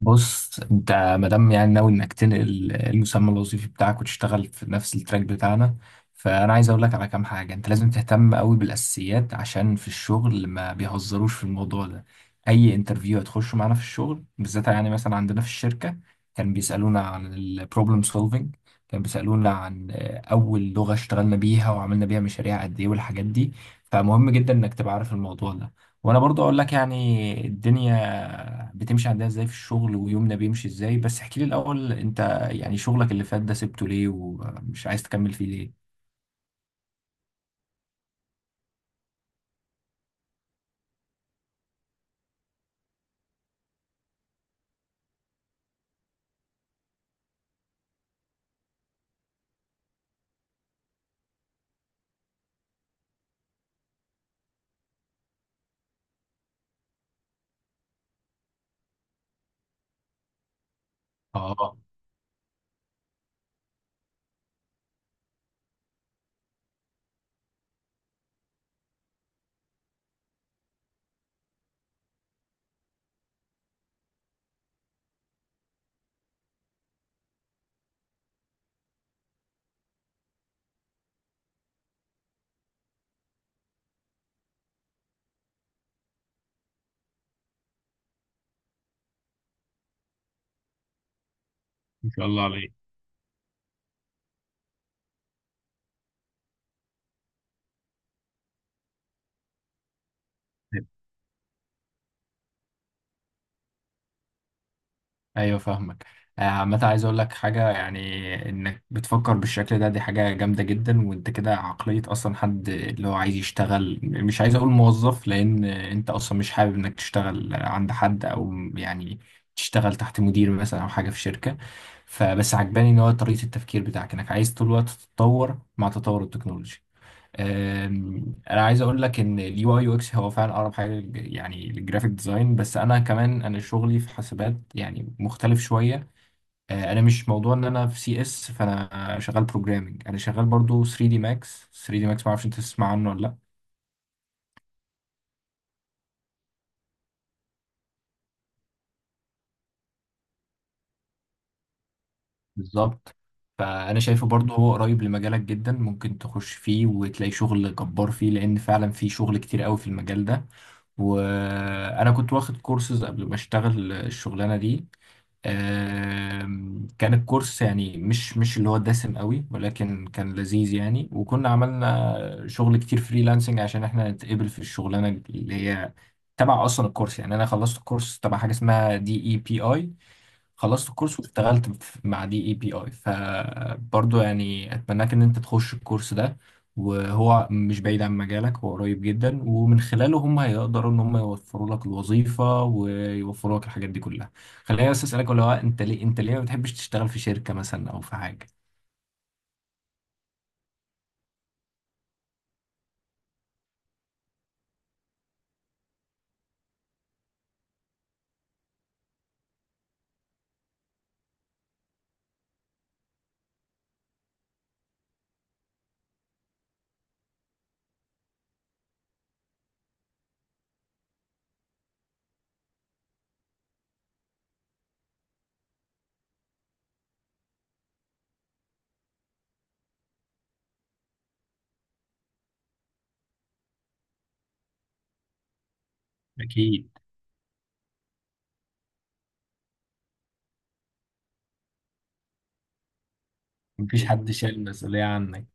بص انت، مادام يعني ناوي انك تنقل المسمى الوظيفي بتاعك وتشتغل في نفس التراك بتاعنا، فانا عايز اقول لك على كام حاجه. انت لازم تهتم قوي بالاساسيات، عشان في الشغل ما بيهزروش في الموضوع ده. اي انترفيو هتخشه معانا في الشغل بالذات، يعني مثلا عندنا في الشركه كان بيسالونا عن البروبلم سولفنج، كان بيسالونا عن اول لغه اشتغلنا بيها وعملنا بيها مشاريع قد ايه والحاجات دي. فمهم جدا انك تبقى عارف الموضوع ده. وانا برضو اقول لك يعني الدنيا بتمشي عندنا ازاي في الشغل، ويومنا بيمشي ازاي، بس احكي لي الاول انت، يعني شغلك اللي فات ده سبته ليه ومش عايز تكمل فيه ليه؟ اه، ما شاء الله عليك. ايوه، فاهمك. عامة عايز اقول لك حاجة، يعني انك بتفكر بالشكل ده دي حاجة جامدة جدا، وانت كده عقلية اصلا حد اللي هو عايز يشتغل، مش عايز اقول موظف، لان انت اصلا مش حابب انك تشتغل عند حد، او يعني تشتغل تحت مدير مثلا او حاجة في شركة. فبس عجباني ان هو طريقة التفكير بتاعك، انك عايز طول الوقت تتطور مع تطور التكنولوجيا. انا عايز اقول لك ان اليو اي يو اكس هو فعلا اقرب حاجه يعني للجرافيك ديزاين، بس انا كمان انا شغلي في حاسبات يعني مختلف شويه. انا مش موضوع ان انا في سي اس، فانا شغال بروجرامنج، انا شغال برضو 3 دي ماكس. 3 دي ماكس ما اعرفش انت تسمع عنه ولا لا. بالظبط. فانا شايفه برضه هو قريب لمجالك جدا، ممكن تخش فيه وتلاقي شغل جبار فيه، لان فعلا في شغل كتير قوي في المجال ده. وانا كنت واخد كورسز قبل ما اشتغل الشغلانه دي. كان الكورس يعني مش اللي هو دسم قوي، ولكن كان لذيذ يعني، وكنا عملنا شغل كتير فريلانسنج عشان احنا نتقبل في الشغلانه اللي هي تبع اصلا الكورس. يعني انا خلصت الكورس تبع حاجه اسمها دي اي بي اي. خلصت الكورس واشتغلت مع دي اي بي اي. فبرضه يعني اتمناك ان انت تخش الكورس ده، وهو مش بعيد عن مجالك، هو قريب جدا، ومن خلاله هم هيقدروا ان هم يوفروا لك الوظيفة ويوفروا لك الحاجات دي كلها. خليني بس اسالك، ولا هو انت ليه ما بتحبش تشتغل في شركة مثلا او في حاجة؟ اكيد. مفيش حد شايل المسؤولية عنك.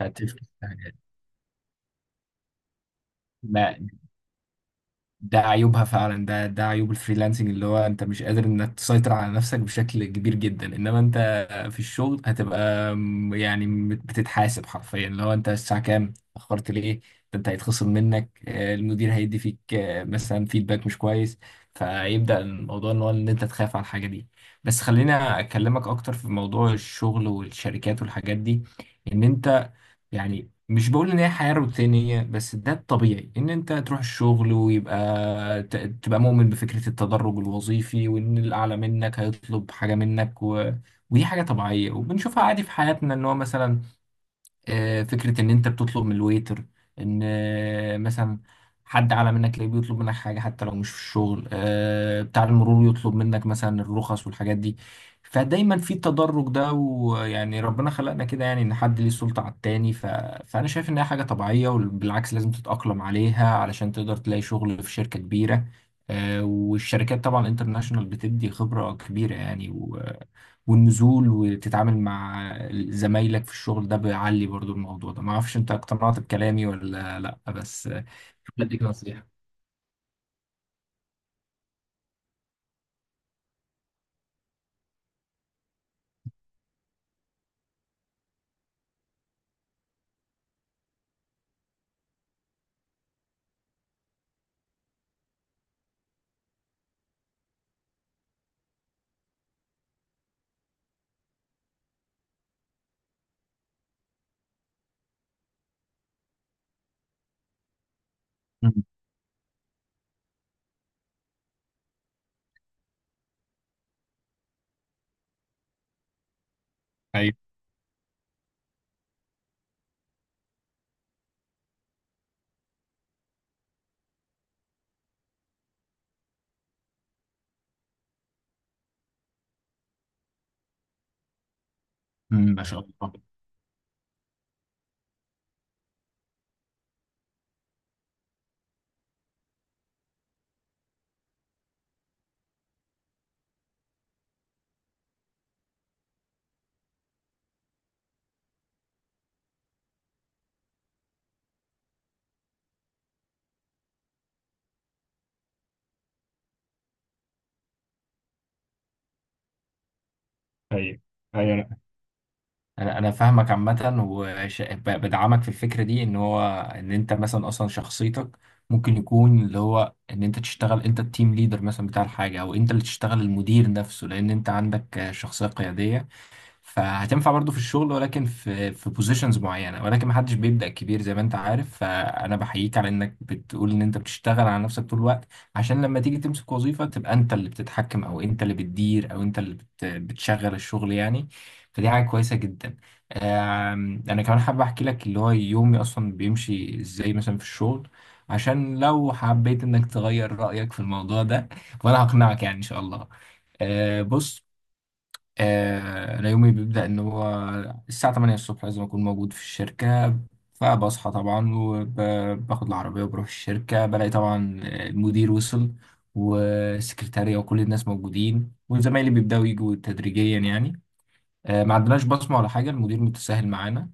هتفرق في حاجات. ما ده عيوبها فعلا، ده عيوب الفريلانسنج، اللي هو انت مش قادر انك تسيطر على نفسك بشكل كبير جدا، انما انت في الشغل هتبقى يعني بتتحاسب حرفيا، اللي هو انت الساعة كام اتأخرت ليه. ده انت هيتخصم منك، المدير هيدي فيك مثلا فيدباك مش كويس. فيبدأ الموضوع ان هو ان انت تخاف على الحاجة دي. بس خلينا اكلمك اكتر في موضوع الشغل والشركات والحاجات دي. ان انت يعني مش بقول ان هي حياة روتينية، بس ده الطبيعي ان انت تروح الشغل ويبقى تبقى مؤمن بفكرة التدرج الوظيفي، وان الاعلى منك هيطلب حاجة منك. و... ودي حاجة طبيعية وبنشوفها عادي في حياتنا، ان هو مثلا فكرة إن أنت بتطلب من الويتر، إن مثلا حد أعلى منك تلاقيه بيطلب منك حاجة حتى لو مش في الشغل، بتاع المرور يطلب منك مثلا الرخص والحاجات دي. فدايما في التدرج ده، ويعني ربنا خلقنا كده، يعني إن حد ليه السلطة على التاني. ف... فأنا شايف إن هي حاجة طبيعية، وبالعكس لازم تتأقلم عليها علشان تقدر تلاقي شغل في شركة كبيرة. والشركات طبعا انترناشونال بتدي خبرة كبيرة يعني. والنزول وتتعامل مع زمايلك في الشغل ده بيعلي برضو الموضوع ده. ما اعرفش انت اقتنعت بكلامي ولا لا، بس بديك نصيحة. مم. ايوه. مم، ما شاء الله. ايوه، ايوه، انا انا أنا فاهمك. عامة وبدعمك في الفكرة دي، ان هو ان انت مثلا اصلا شخصيتك ممكن يكون اللي هو ان انت تشتغل انت التيم ليدر مثلا بتاع الحاجة، او انت اللي تشتغل المدير نفسه، لان انت عندك شخصية قيادية. فهتنفع برضو في الشغل، ولكن في بوزيشنز معينه. ولكن ما حدش بيبدا كبير، زي ما انت عارف. فانا بحييك على انك بتقول ان انت بتشتغل على نفسك طول الوقت، عشان لما تيجي تمسك وظيفه تبقى انت اللي بتتحكم، او انت اللي بتدير، او انت اللي بتشغل الشغل يعني. فدي حاجه كويسه جدا. انا كمان حابب احكي لك اللي هو يومي اصلا بيمشي ازاي مثلا في الشغل، عشان لو حبيت انك تغير رايك في الموضوع ده وانا هقنعك يعني ان شاء الله. بص، أنا يومي بيبدأ إن هو الساعة 8 الصبح لازم أكون موجود في الشركة. فبصحى طبعا وباخد العربية وبروح الشركة، بلاقي طبعا المدير وصل، والسكرتارية وكل الناس موجودين، وزمايلي بيبدأوا يجوا تدريجيا يعني. ما عندناش بصمة ولا حاجة، المدير متساهل معانا.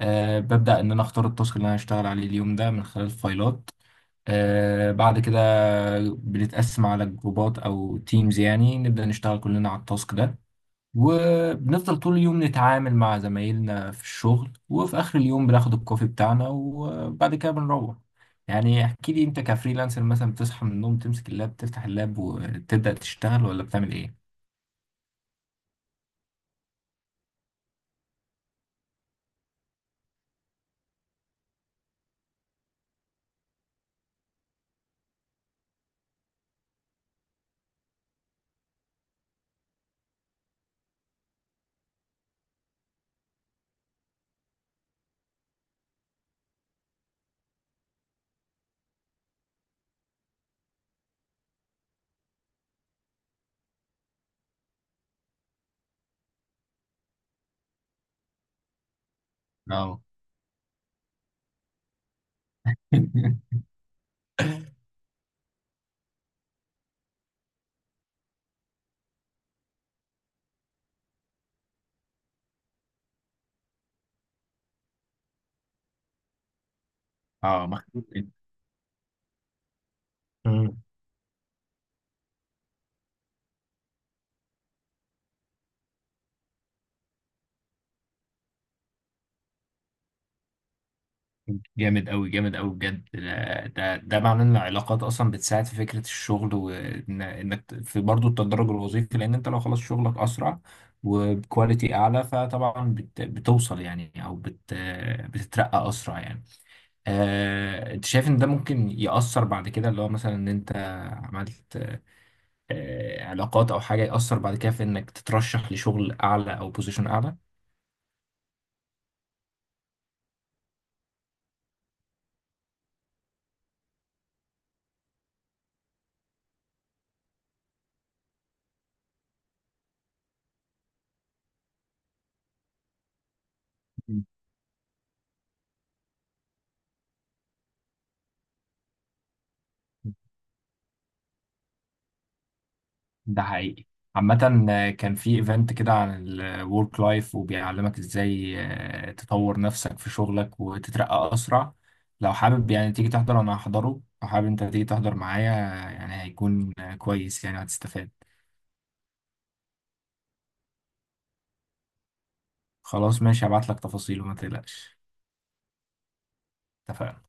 ببدأ إن أنا أختار التاسك اللي أنا هشتغل عليه اليوم ده من خلال الفايلات. بعد كده بنتقسم على جروبات أو تيمز، يعني نبدأ نشتغل كلنا على التاسك ده. وبنفضل طول اليوم نتعامل مع زمايلنا في الشغل، وفي آخر اليوم بناخد الكوفي بتاعنا وبعد كده بنروح. يعني احكي لي انت كفريلانسر، مثلا بتصحى من النوم تمسك اللاب، تفتح اللاب وتبدأ تشتغل، ولا بتعمل ايه؟ اه. اه، مخنوق. جامد أوي، جامد أوي، بجد. ده معناه إن العلاقات أصلا بتساعد في فكرة الشغل، وإنك في برضو التدرج الوظيفي، لأن أنت لو خلصت شغلك أسرع وبكواليتي أعلى، فطبعا بتوصل يعني، أو بتترقى أسرع يعني. أنت شايف إن ده ممكن يأثر بعد كده، اللي هو مثلا إن أنت عملت علاقات أو حاجة، يأثر بعد كده في إنك تترشح لشغل أعلى أو بوزيشن أعلى؟ ده حقيقي. عامة كان في ايفنت كده عن الورك لايف، وبيعلمك ازاي تطور نفسك في شغلك وتترقى اسرع. لو حابب يعني تيجي تحضر انا هحضره، لو حابب انت تيجي تحضر معايا. يعني هيكون كويس يعني هتستفاد. خلاص ماشي، هبعت لك تفاصيله ما تقلقش. اتفقنا.